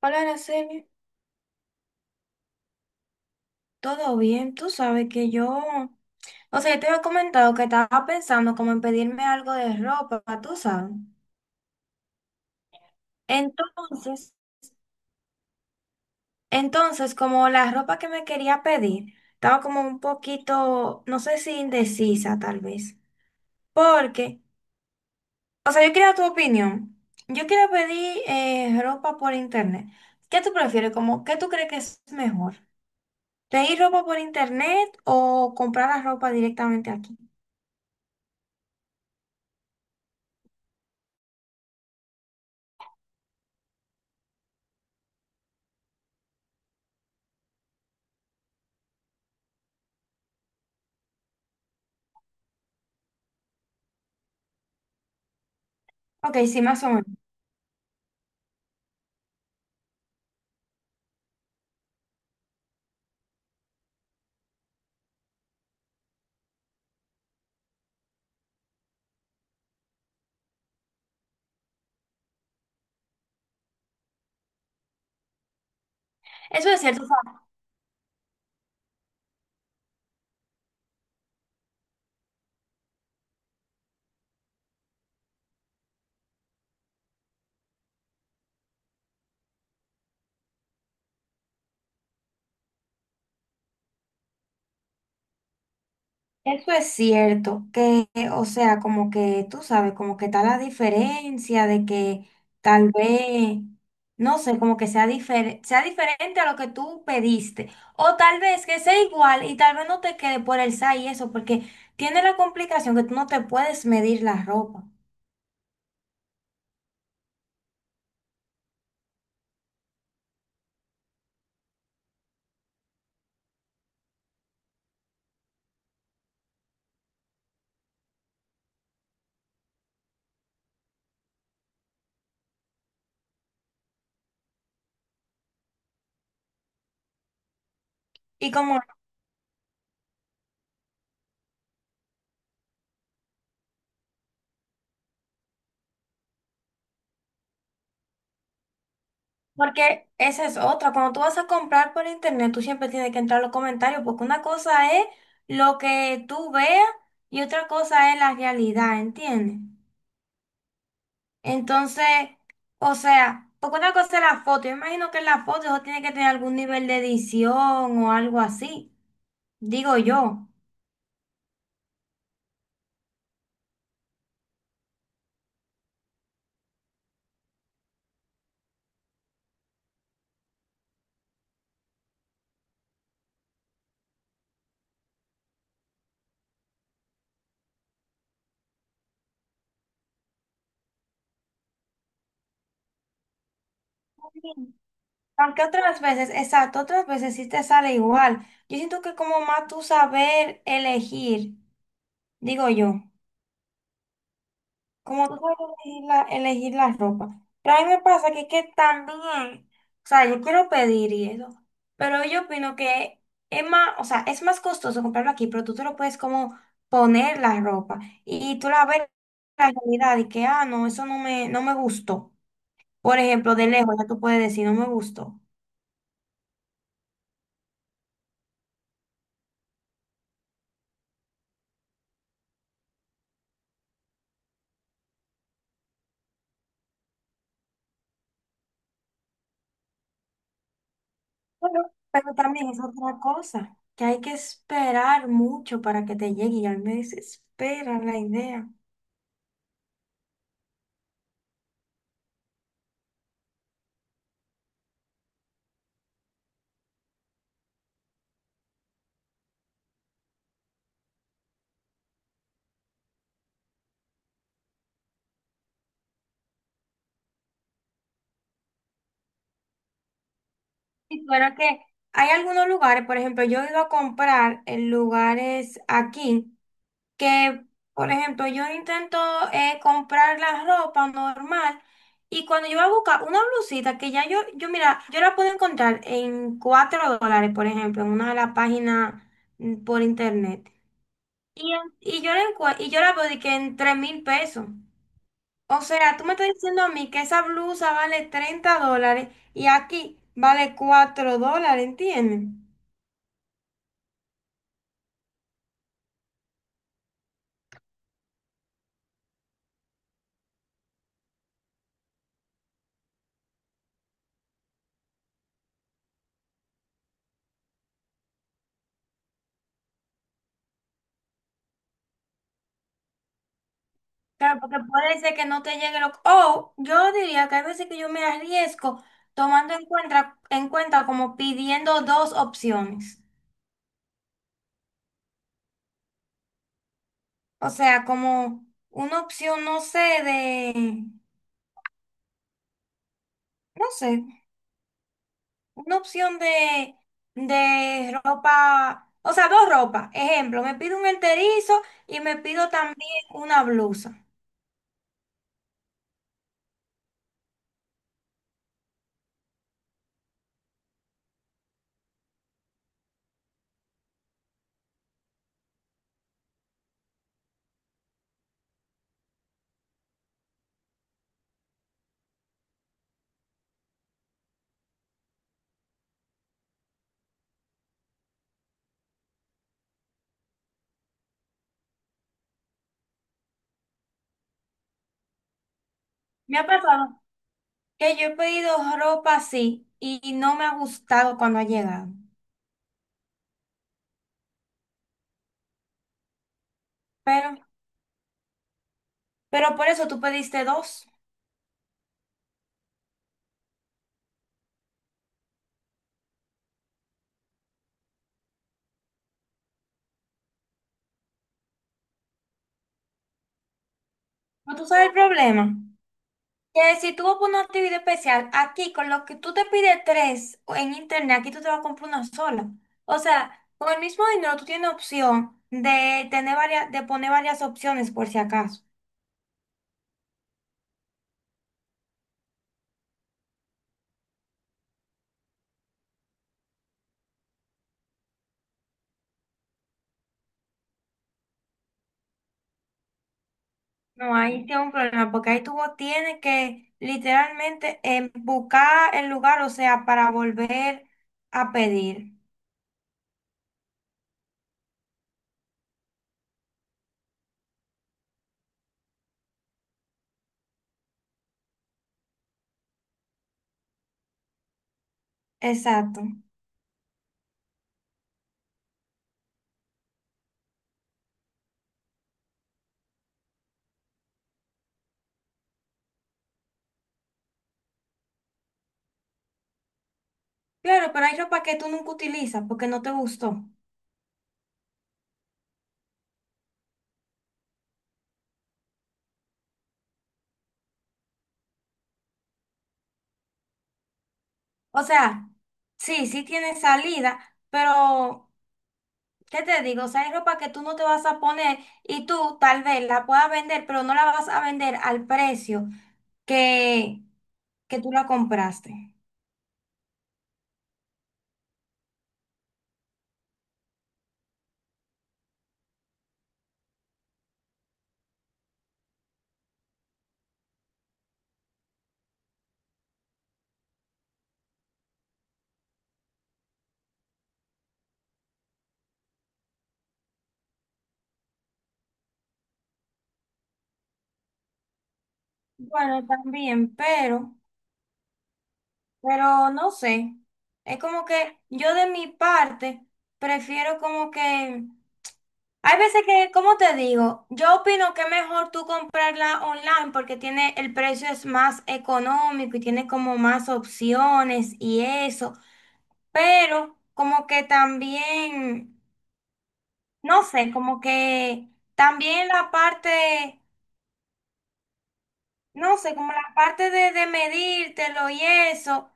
Hola, Araceli, ¿todo bien? Tú sabes que yo, o sea, yo te había comentado que estaba pensando como en pedirme algo de ropa, tú sabes. Entonces, entonces, como la ropa que me quería pedir, estaba como un poquito, no sé si indecisa tal vez, porque, o sea, yo quería tu opinión. Yo quiero pedir ropa por internet. ¿Qué tú prefieres? Como, ¿qué tú crees que es mejor? ¿Pedir ropa por internet o comprar la ropa directamente aquí? Ok, sí, más o menos. Eso es cierto. Eso es cierto, que, o sea, como que tú sabes, como que está la diferencia de que tal vez, no sé, como que sea, sea diferente a lo que tú pediste, o tal vez que sea igual y tal vez no te quede por el SAI y eso, porque tiene la complicación que tú no te puedes medir la ropa. Y como porque esa es otra. Cuando tú vas a comprar por internet, tú siempre tienes que entrar a los comentarios, porque una cosa es lo que tú veas y otra cosa es la realidad, ¿entiendes? Entonces, o sea, porque una cosa es la foto. Yo imagino que en la foto eso tiene que tener algún nivel de edición o algo así, digo yo. Sí. Aunque otras veces, exacto, otras veces sí te sale igual. Yo siento que como más tú saber elegir, digo yo. Como tú sabes elegir la ropa. Pero a mí me pasa que también, o sea, yo quiero pedir y eso, pero yo opino que es más, o sea, es más costoso comprarlo aquí, pero tú te lo puedes como poner la ropa y tú la ves la realidad y que, ah, no, eso no me gustó. Por ejemplo, de lejos ya tú puedes decir, no me gustó. Bueno, pero también es otra cosa, que hay que esperar mucho para que te llegue y a mí me desespera la idea. Si fuera que hay algunos lugares, por ejemplo, yo he ido a comprar en lugares aquí que, por ejemplo, yo intento comprar la ropa normal y cuando yo voy a buscar una blusita que ya yo mira, yo la puedo encontrar en $4, por ejemplo, en una de las páginas por internet. Y, y yo y yo la veo de que en 3,000 pesos. O sea, tú me estás diciendo a mí que esa blusa vale $30 y aquí vale $4, ¿entiendes? Claro, porque puede ser que no te llegue lo... O yo diría que hay veces que yo me arriesgo tomando en cuenta como pidiendo dos opciones. O sea, como una opción, no sé, de... No sé, una opción de ropa... O sea, dos ropas. Ejemplo, me pido un enterizo y me pido también una blusa. Me ha pasado que yo he pedido ropa así y no me ha gustado cuando ha llegado. Pero, pero por eso tú pediste dos. ¿No tú sabes el problema? Que si tú vas por una actividad especial, aquí con lo que tú te pides tres o en internet, aquí tú te vas a comprar una sola. O sea, con el mismo dinero tú tienes opción de tener varias, de poner varias opciones por si acaso. No, ahí tiene un problema, porque ahí tú tienes que literalmente buscar el lugar, o sea, para volver a pedir. Exacto. Claro, pero hay ropa que tú nunca utilizas porque no te gustó. O sea, sí, sí tiene salida, pero ¿qué te digo? O sea, hay ropa que tú no te vas a poner y tú tal vez la puedas vender, pero no la vas a vender al precio que, que tú la compraste. Bueno, también, pero no sé. Es como que yo de mi parte prefiero como que hay veces que, como te digo, yo opino que es mejor tú comprarla online porque tiene, el precio es más económico y tiene como más opciones y eso. Pero como que también, no sé, como que también la parte, no sé, como la parte de medírtelo y eso.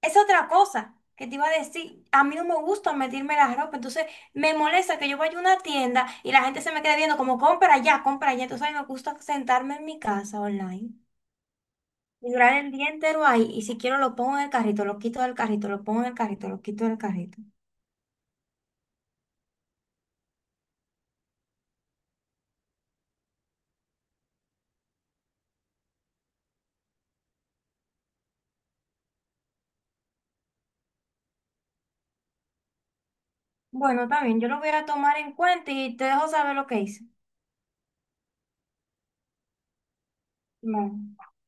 Es otra cosa que te iba a decir. A mí no me gusta metirme la ropa, entonces me molesta que yo vaya a una tienda y la gente se me quede viendo como compra ya, compra ya. Entonces a mí me gusta sentarme en mi casa online y durar el día entero ahí. Y si quiero lo pongo en el carrito, lo quito del carrito, lo pongo en el carrito, lo quito del carrito. Bueno, también yo lo voy a tomar en cuenta y te dejo saber lo que hice. Bueno.